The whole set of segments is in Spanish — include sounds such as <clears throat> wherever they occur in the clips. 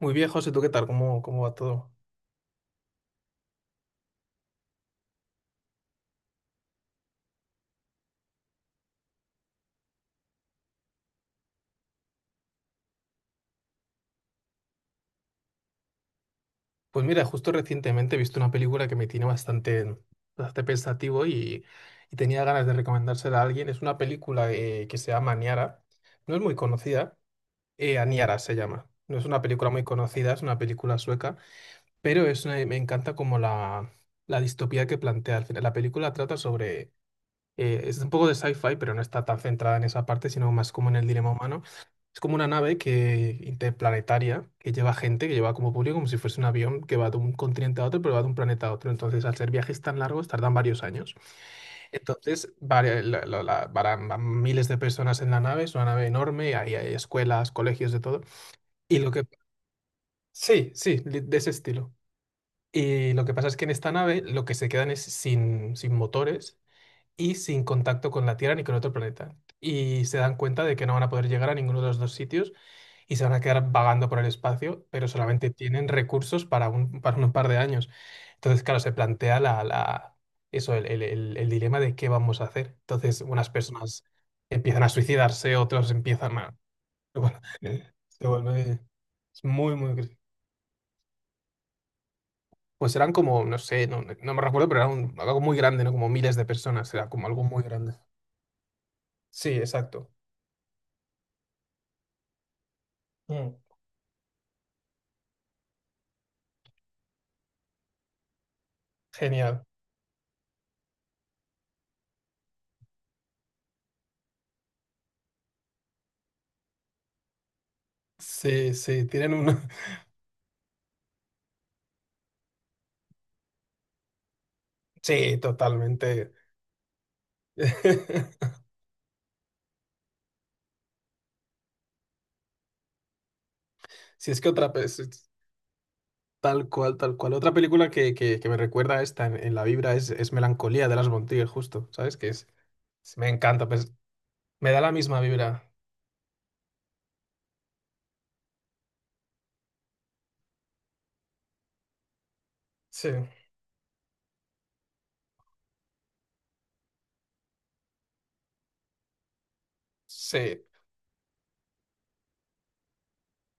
Muy bien, José, ¿tú qué tal? ¿Cómo va todo? Pues mira, justo recientemente he visto una película que me tiene bastante, bastante pensativo y tenía ganas de recomendársela a alguien. Es una película que se llama Aniara. No es muy conocida. Aniara se llama. No es una película muy conocida, es una película sueca, pero me encanta como la distopía que plantea. Al final, la película trata sobre es un poco de sci-fi, pero no está tan centrada en esa parte, sino más como en el dilema humano. Es como una nave que, interplanetaria que lleva gente, que lleva como público, como si fuese un avión que va de un continente a otro, pero va de un planeta a otro. Entonces, al ser viajes tan largos, tardan varios años. Entonces, van miles de personas en la nave, es una nave enorme, ahí hay escuelas, colegios, de todo. Y lo que. Sí, sí, de ese estilo. Y lo que pasa es que en esta nave lo que se quedan es sin motores y sin contacto con la Tierra ni con otro planeta. Y se dan cuenta de que no van a poder llegar a ninguno de los dos sitios y se van a quedar vagando por el espacio, pero solamente tienen recursos para un par de años. Entonces, claro, se plantea eso, el dilema de qué vamos a hacer. Entonces, unas personas empiezan a suicidarse, otros empiezan a. <laughs> Bueno, se vuelve es muy, muy. Pues eran como, no sé, no, no me recuerdo, pero era algo muy grande, ¿no? Como miles de personas, era como algo muy grande. Sí, exacto. Mm. Genial. Sí, sí, tienen un. <laughs> Sí, totalmente. <laughs> Si es que otra. Pe- es Tal cual, tal cual. Otra película que me recuerda a esta en la vibra es Melancolía de las Bontigas, justo, ¿sabes? Que es. Me encanta, pues me da la misma vibra. Sí, sí.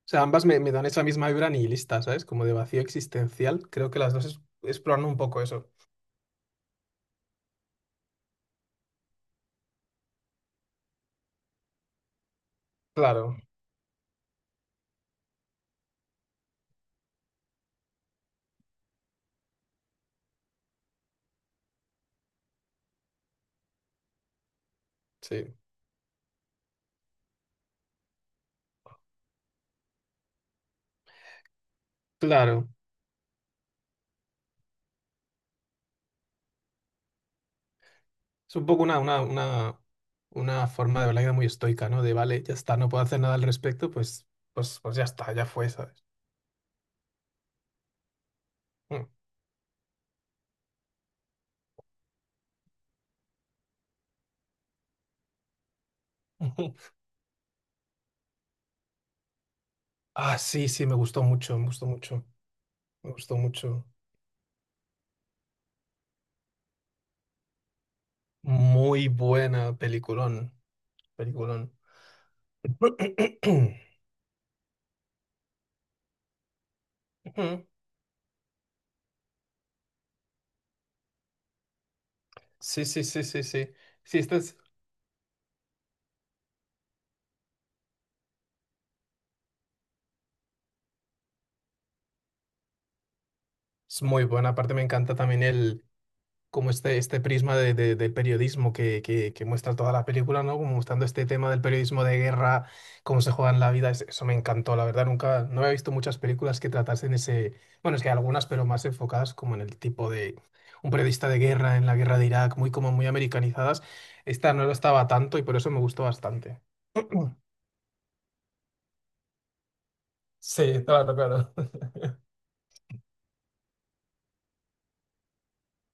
O sea, ambas me dan esa misma vibra nihilista, ¿sabes? Como de vacío existencial. Creo que las dos exploran un poco eso. Claro, sí. Claro. Es un poco una forma de ver la vida muy estoica, ¿no? De vale, ya está, no puedo hacer nada al respecto, pues, ya está, ya fue, ¿sabes? Mm. <laughs> Ah, sí, sí, me gustó mucho, me gustó mucho, me gustó mucho. Muy buena peliculón, peliculón. <clears throat> Ujú. Sí, sí, sí, sí, sí. Sí, esta es muy buena. Aparte me encanta también el, como este prisma del periodismo que muestra toda la película, ¿no? Como mostrando este tema del periodismo de guerra, cómo se juega en la vida, eso me encantó, la verdad, nunca, no había visto muchas películas que tratasen ese, bueno, es que hay algunas, pero más enfocadas como en el tipo de un periodista de guerra, en la guerra de Irak, muy como muy americanizadas. Esta no lo estaba tanto y por eso me gustó bastante. <clears throat> Sí, claro, claro.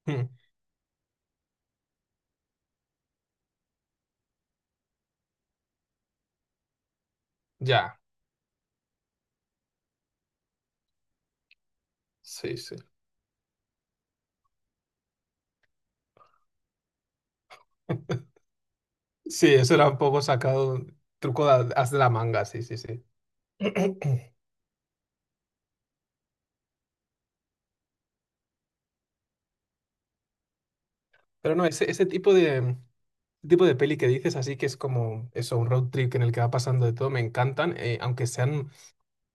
<laughs> Ya, sí, sí. <laughs> Sí, eso era un poco sacado, truco de, as de la manga, sí, sí, sí. <clears throat> Pero no, ese tipo de peli que dices, así que es como eso, un road trip en el que va pasando de todo, me encantan, aunque sean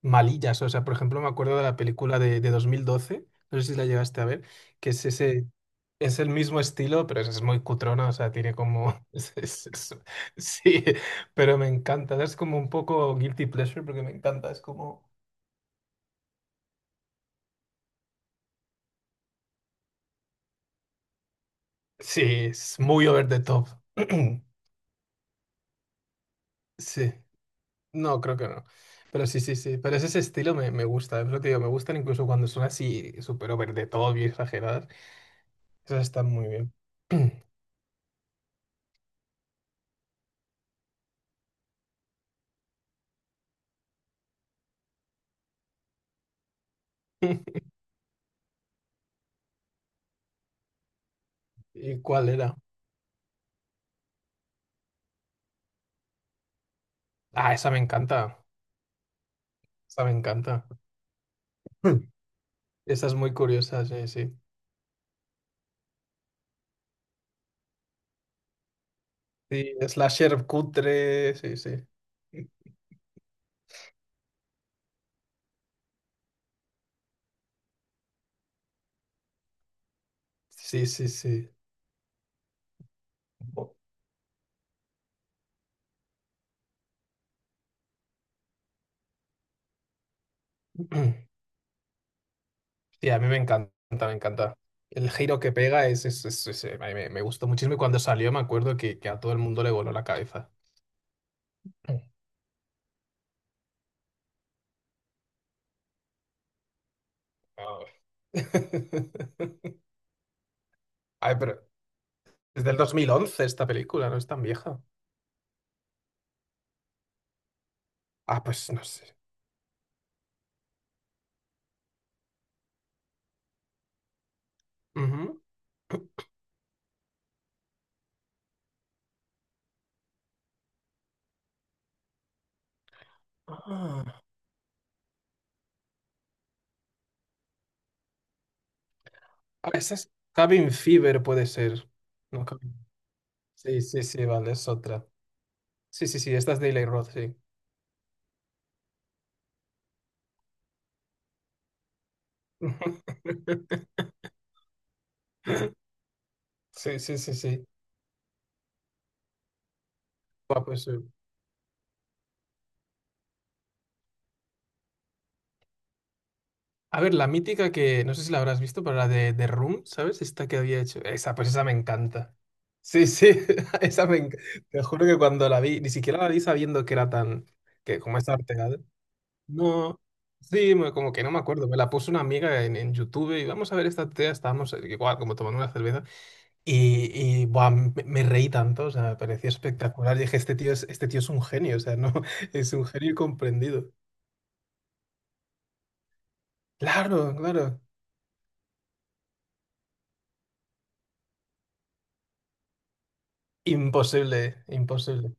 malillas. O sea, por ejemplo, me acuerdo de la película de 2012, no sé si la llegaste a ver, que es ese, es el mismo estilo, pero es muy cutrona, o sea, tiene como. <laughs> Sí, pero me encanta, es como un poco guilty pleasure porque me encanta, es como. Sí, es muy over the top. <clears throat> Sí. No, creo que no. Pero sí, sí, sí. Pero es ese estilo me gusta. Es lo que digo, me gustan incluso cuando son así súper over the top y exageradas. Esas están muy bien. <clears throat> ¿Y cuál era? Ah, esa me encanta. Esa me encanta. <laughs> Esa es muy curiosa, sí, sí. Sí, slasher cutre, sí, sí. Sí, sí, sí. O. <clears throat> Sí, a mí me encanta, me encanta. El giro que pega es, a mí me gustó muchísimo y cuando salió me acuerdo que a todo el mundo le voló la cabeza. Ah. <laughs> Ay, pero es del 2011 esta película, no es tan vieja. Ah, pues no sé. Ujú. Ah, Ah, esa es Cabin Fever, puede ser. No. Sí, sí, sí, vale, es otra. Sí, sí, sí, esta es de Eli Roth, sí. <laughs> Sí, sí, sí, sí. Buah, pues a ver, la mítica que no sé si la habrás visto, pero la de Room, ¿sabes? Esta que había hecho. Esa, pues esa me encanta. Sí, sí, <laughs> esa me encanta. Te juro que cuando la vi, ni siquiera la vi sabiendo que era tan. Que como es arte, ¿vale? No. Sí, como que no me acuerdo. Me la puso una amiga en YouTube y vamos a ver esta tía. Estábamos igual, como tomando una cerveza. Y, y buah, me reí tanto, o sea, me pareció espectacular. Y dije, este tío es un genio, o sea, no, <laughs> es un genio comprendido. Claro, claro. Imposible, imposible.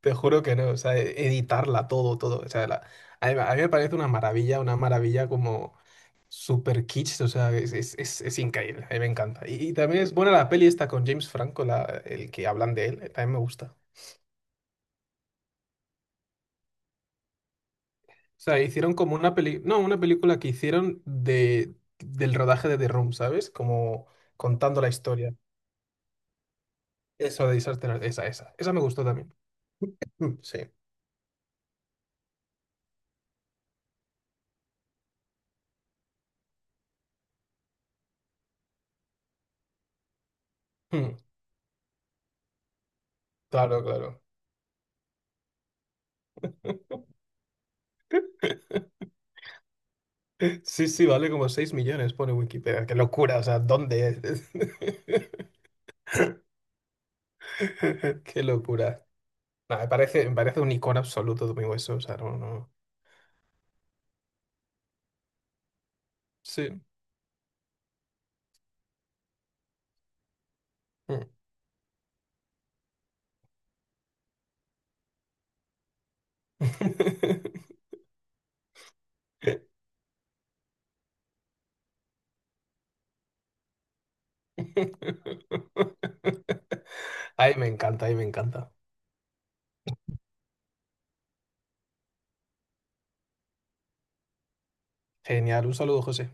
Te juro que no, o sea, editarla todo, todo. O sea, la. A mí, a mí me parece una maravilla como super kitsch, o sea, es increíble, a mí me encanta. Y también es buena la peli esta con James Franco, la, el que hablan de él, también me gusta. O sea, hicieron como una peli, no, una película que hicieron de, del rodaje de The Room, ¿sabes? Como contando la historia. Eso de Disaster, Artist, esa, esa. Esa me gustó también. Mm, sí. Mm, claro, claro. Sí, sí, vale como 6 millones, pone Wikipedia. Qué locura, o sea, ¿dónde? ¿Es? <laughs> Qué locura. Nah, me parece un icono absoluto de mi hueso, o sea, no, no. Sí. Mm. <laughs> Ay, me encanta, ay, me encanta. Genial, un saludo, José.